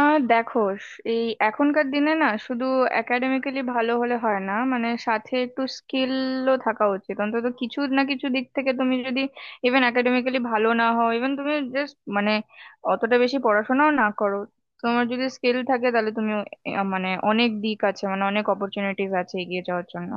দেখো, স- এই এখনকার দিনে না শুধু একাডেমিক্যালি ভালো হলে হয় না, মানে সাথে একটু স্কিলও থাকা উচিত। অন্তত কিছু না কিছু দিক থেকে তুমি যদি ইভেন একাডেমিক্যালি ভালো না হও, ইভেন তুমি জাস্ট মানে অতটা বেশি পড়াশোনাও না করো, তোমার যদি স্কিল থাকে, তাহলে তুমি মানে অনেক দিক আছে, মানে অনেক অপরচুনিটিস আছে এগিয়ে যাওয়ার জন্য।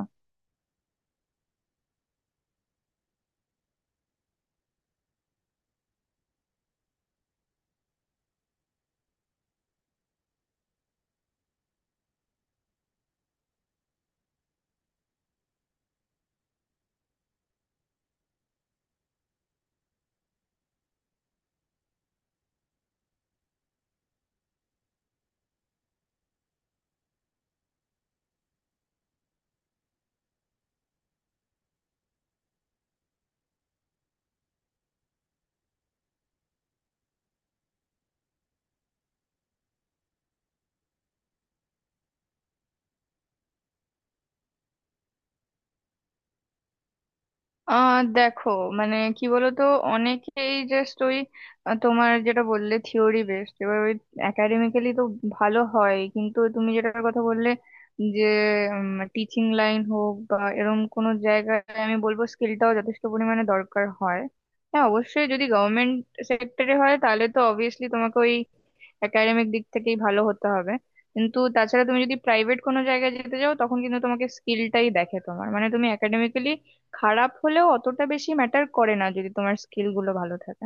দেখো, মানে কি বলতো, অনেকেই জাস্ট ওই তোমার যেটা বললে থিওরি বেসড, এবার ওই একাডেমিক্যালি তো ভালো হয়, কিন্তু তুমি যেটার কথা বললে যে টিচিং লাইন হোক বা এরকম কোনো জায়গায়, আমি বলবো স্কিলটাও যথেষ্ট পরিমাণে দরকার হয়। হ্যাঁ অবশ্যই যদি গভর্নমেন্ট সেক্টরে হয়, তাহলে তো অবভিয়াসলি তোমাকে ওই একাডেমিক দিক থেকেই ভালো হতে হবে। কিন্তু তাছাড়া তুমি যদি প্রাইভেট কোনো জায়গায় যেতে যাও, তখন কিন্তু তোমাকে স্কিলটাই দেখে। তোমার মানে তুমি একাডেমিক্যালি খারাপ হলেও অতটা বেশি ম্যাটার করে না যদি তোমার স্কিল গুলো ভালো থাকে।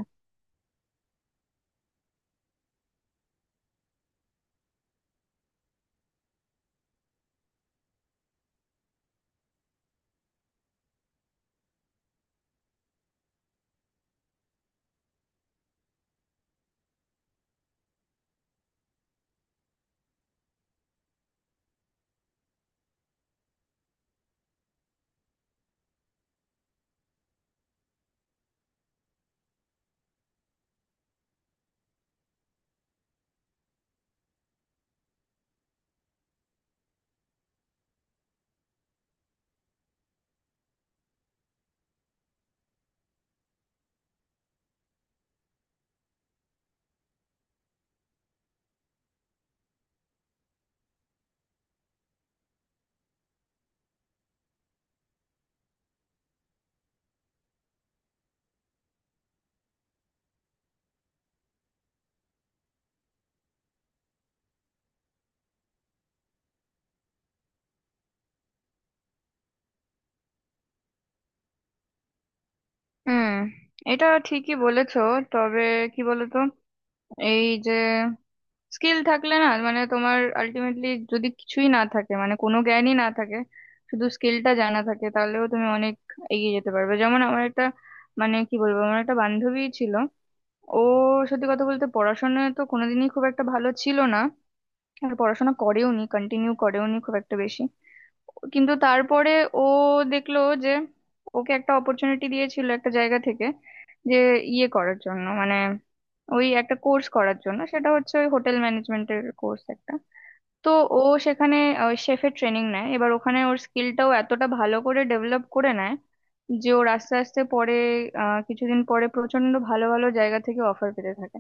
হুম, এটা ঠিকই বলেছো। তবে কি বলতো, এই যে স্কিল থাকলে না, মানে তোমার আলটিমেটলি যদি কিছুই না থাকে, মানে কোনো জ্ঞানই না থাকে, শুধু স্কিলটা জানা থাকে, তাহলেও তুমি অনেক এগিয়ে যেতে পারবে। যেমন আমার একটা, মানে কি বলবো, আমার একটা বান্ধবী ছিল। ও সত্যি কথা বলতে পড়াশোনায় তো কোনোদিনই খুব একটা ভালো ছিল না, আর পড়াশোনা করেও নি, কন্টিনিউ করেও নি খুব একটা বেশি। কিন্তু তারপরে ও দেখলো যে ওকে একটা অপরচুনিটি দিয়েছিল একটা জায়গা থেকে, যে ইয়ে করার জন্য মানে ওই একটা কোর্স করার জন্য, সেটা হচ্ছে ওই হোটেল ম্যানেজমেন্টের কোর্স একটা। তো ও সেখানে শেফের ট্রেনিং নেয়। এবার ওখানে ওর স্কিলটাও এতটা ভালো করে ডেভেলপ করে নেয় যে ওর আস্তে আস্তে পরে, কিছুদিন পরে প্রচন্ড ভালো ভালো জায়গা থেকে অফার পেতে থাকে।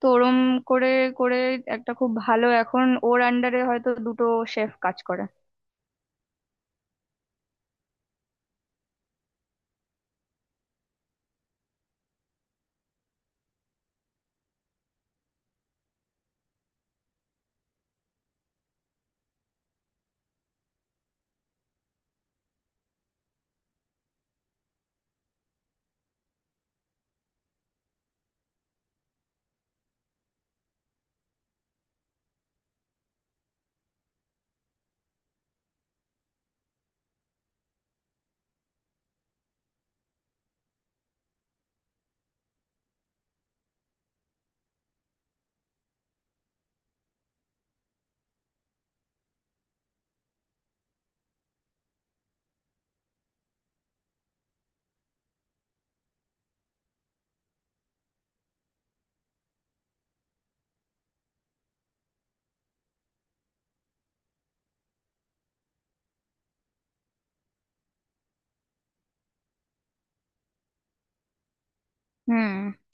তো ওরম করে করে একটা খুব ভালো, এখন ওর আন্ডারে হয়তো দুটো শেফ কাজ করে। হুম,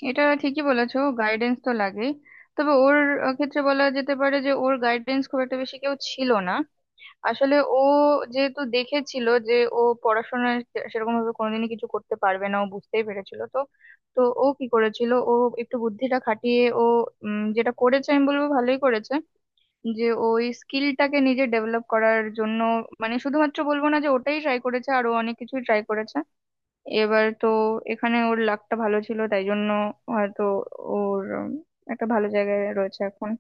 এটা ঠিকই বলেছো, গাইডেন্স তো লাগেই। তবে ওর ক্ষেত্রে বলা যেতে পারে যে ওর গাইডেন্স খুব একটা বেশি কেউ ছিল না। আসলে ও যেহেতু দেখেছিল যে ও পড়াশোনায় সেরকম ভাবে কোনোদিনই কিছু করতে পারবে না, ও বুঝতেই পেরেছিল তো। তো ও কি করেছিল, ও একটু বুদ্ধিটা খাটিয়ে ও যেটা করেছে আমি বলবো ভালোই করেছে, যে ওই স্কিলটাকে নিজে ডেভেলপ করার জন্য মানে শুধুমাত্র বলবো না যে ওটাই ট্রাই করেছে, আরো অনেক কিছু ট্রাই করেছে। এবার তো এখানে ওর লাকটা ভালো ছিল তাই জন্য হয়তো ওর একটা ভালো জায়গায় রয়েছে এখন।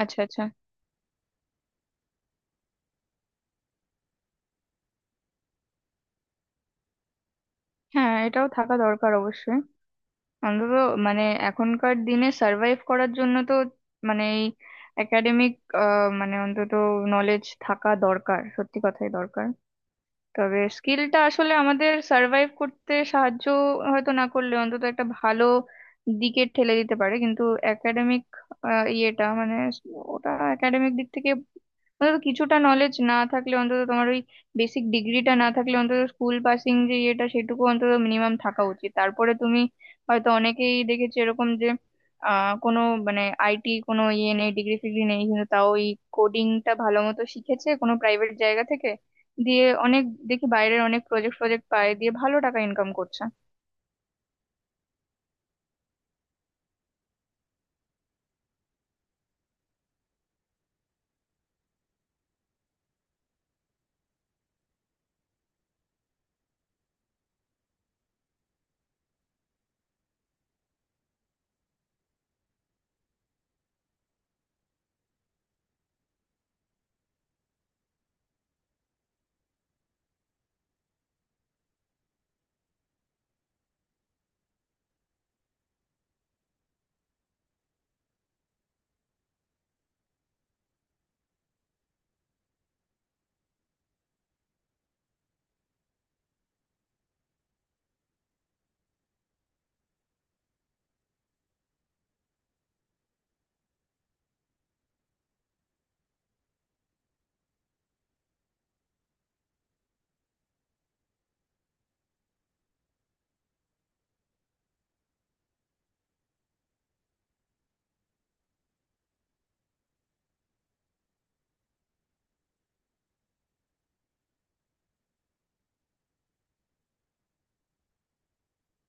আচ্ছা আচ্ছা। হ্যাঁ, এটাও থাকা দরকার অবশ্যই। অন্তত মানে এখনকার দিনে সার্ভাইভ করার জন্য তো মানে এই একাডেমিক মানে অন্তত নলেজ থাকা দরকার, সত্যি কথাই দরকার। তবে স্কিলটা আসলে আমাদের সার্ভাইভ করতে সাহায্য, হয়তো না করলে অন্তত একটা ভালো দিকে ঠেলে দিতে পারে। কিন্তু একাডেমিক ইয়েটা মানে ওটা একাডেমিক দিক থেকে অন্তত কিছুটা নলেজ না থাকলে, অন্তত তোমার ওই বেসিক ডিগ্রিটা না থাকলে, অন্তত স্কুল পাসিং যে ইয়েটা সেটুকু অন্তত মিনিমাম থাকা উচিত। তারপরে তুমি হয়তো, অনেকেই দেখেছি এরকম যে কোনো মানে আইটি কোনো ইয়ে নেই, ডিগ্রি ফিগ্রি নেই, কিন্তু তাও ওই কোডিংটা ভালো মতো শিখেছে কোনো প্রাইভেট জায়গা থেকে, দিয়ে অনেক, দেখি বাইরের অনেক প্রজেক্ট ফজেক্ট পায় দিয়ে ভালো টাকা ইনকাম করছে।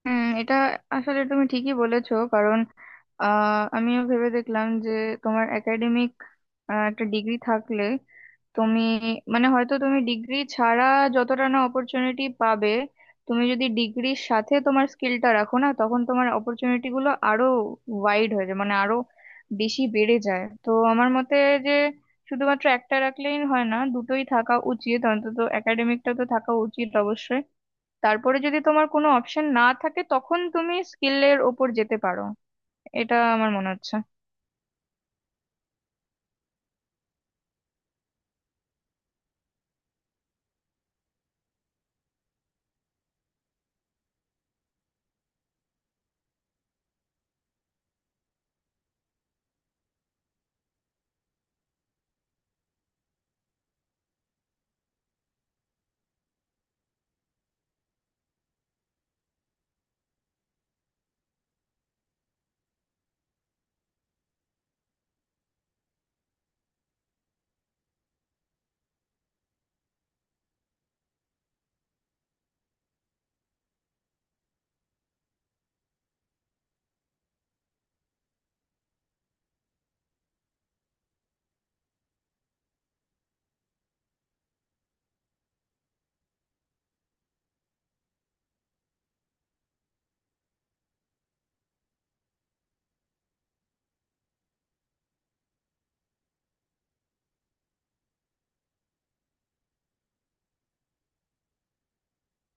হুম, এটা আসলে তুমি ঠিকই বলেছো। কারণ আমিও ভেবে দেখলাম যে তোমার একাডেমিক একটা ডিগ্রি থাকলে তুমি মানে হয়তো তুমি ডিগ্রি ছাড়া যতটা না অপরচুনিটি পাবে, তুমি যদি ডিগ্রির সাথে তোমার স্কিলটা রাখো না, তখন তোমার অপরচুনিটি গুলো আরো ওয়াইড হয়ে যায়, মানে আরো বেশি বেড়ে যায়। তো আমার মতে যে শুধুমাত্র একটা রাখলেই হয় না, দুটোই থাকা উচিত। অন্তত একাডেমিকটা তো থাকা উচিত অবশ্যই, তারপরে যদি তোমার কোনো অপশন না থাকে তখন তুমি স্কিলের ওপর যেতে পারো। এটা আমার মনে হচ্ছে।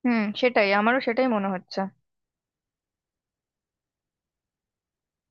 হুম, সেটাই, আমারও সেটাই মনে হচ্ছে।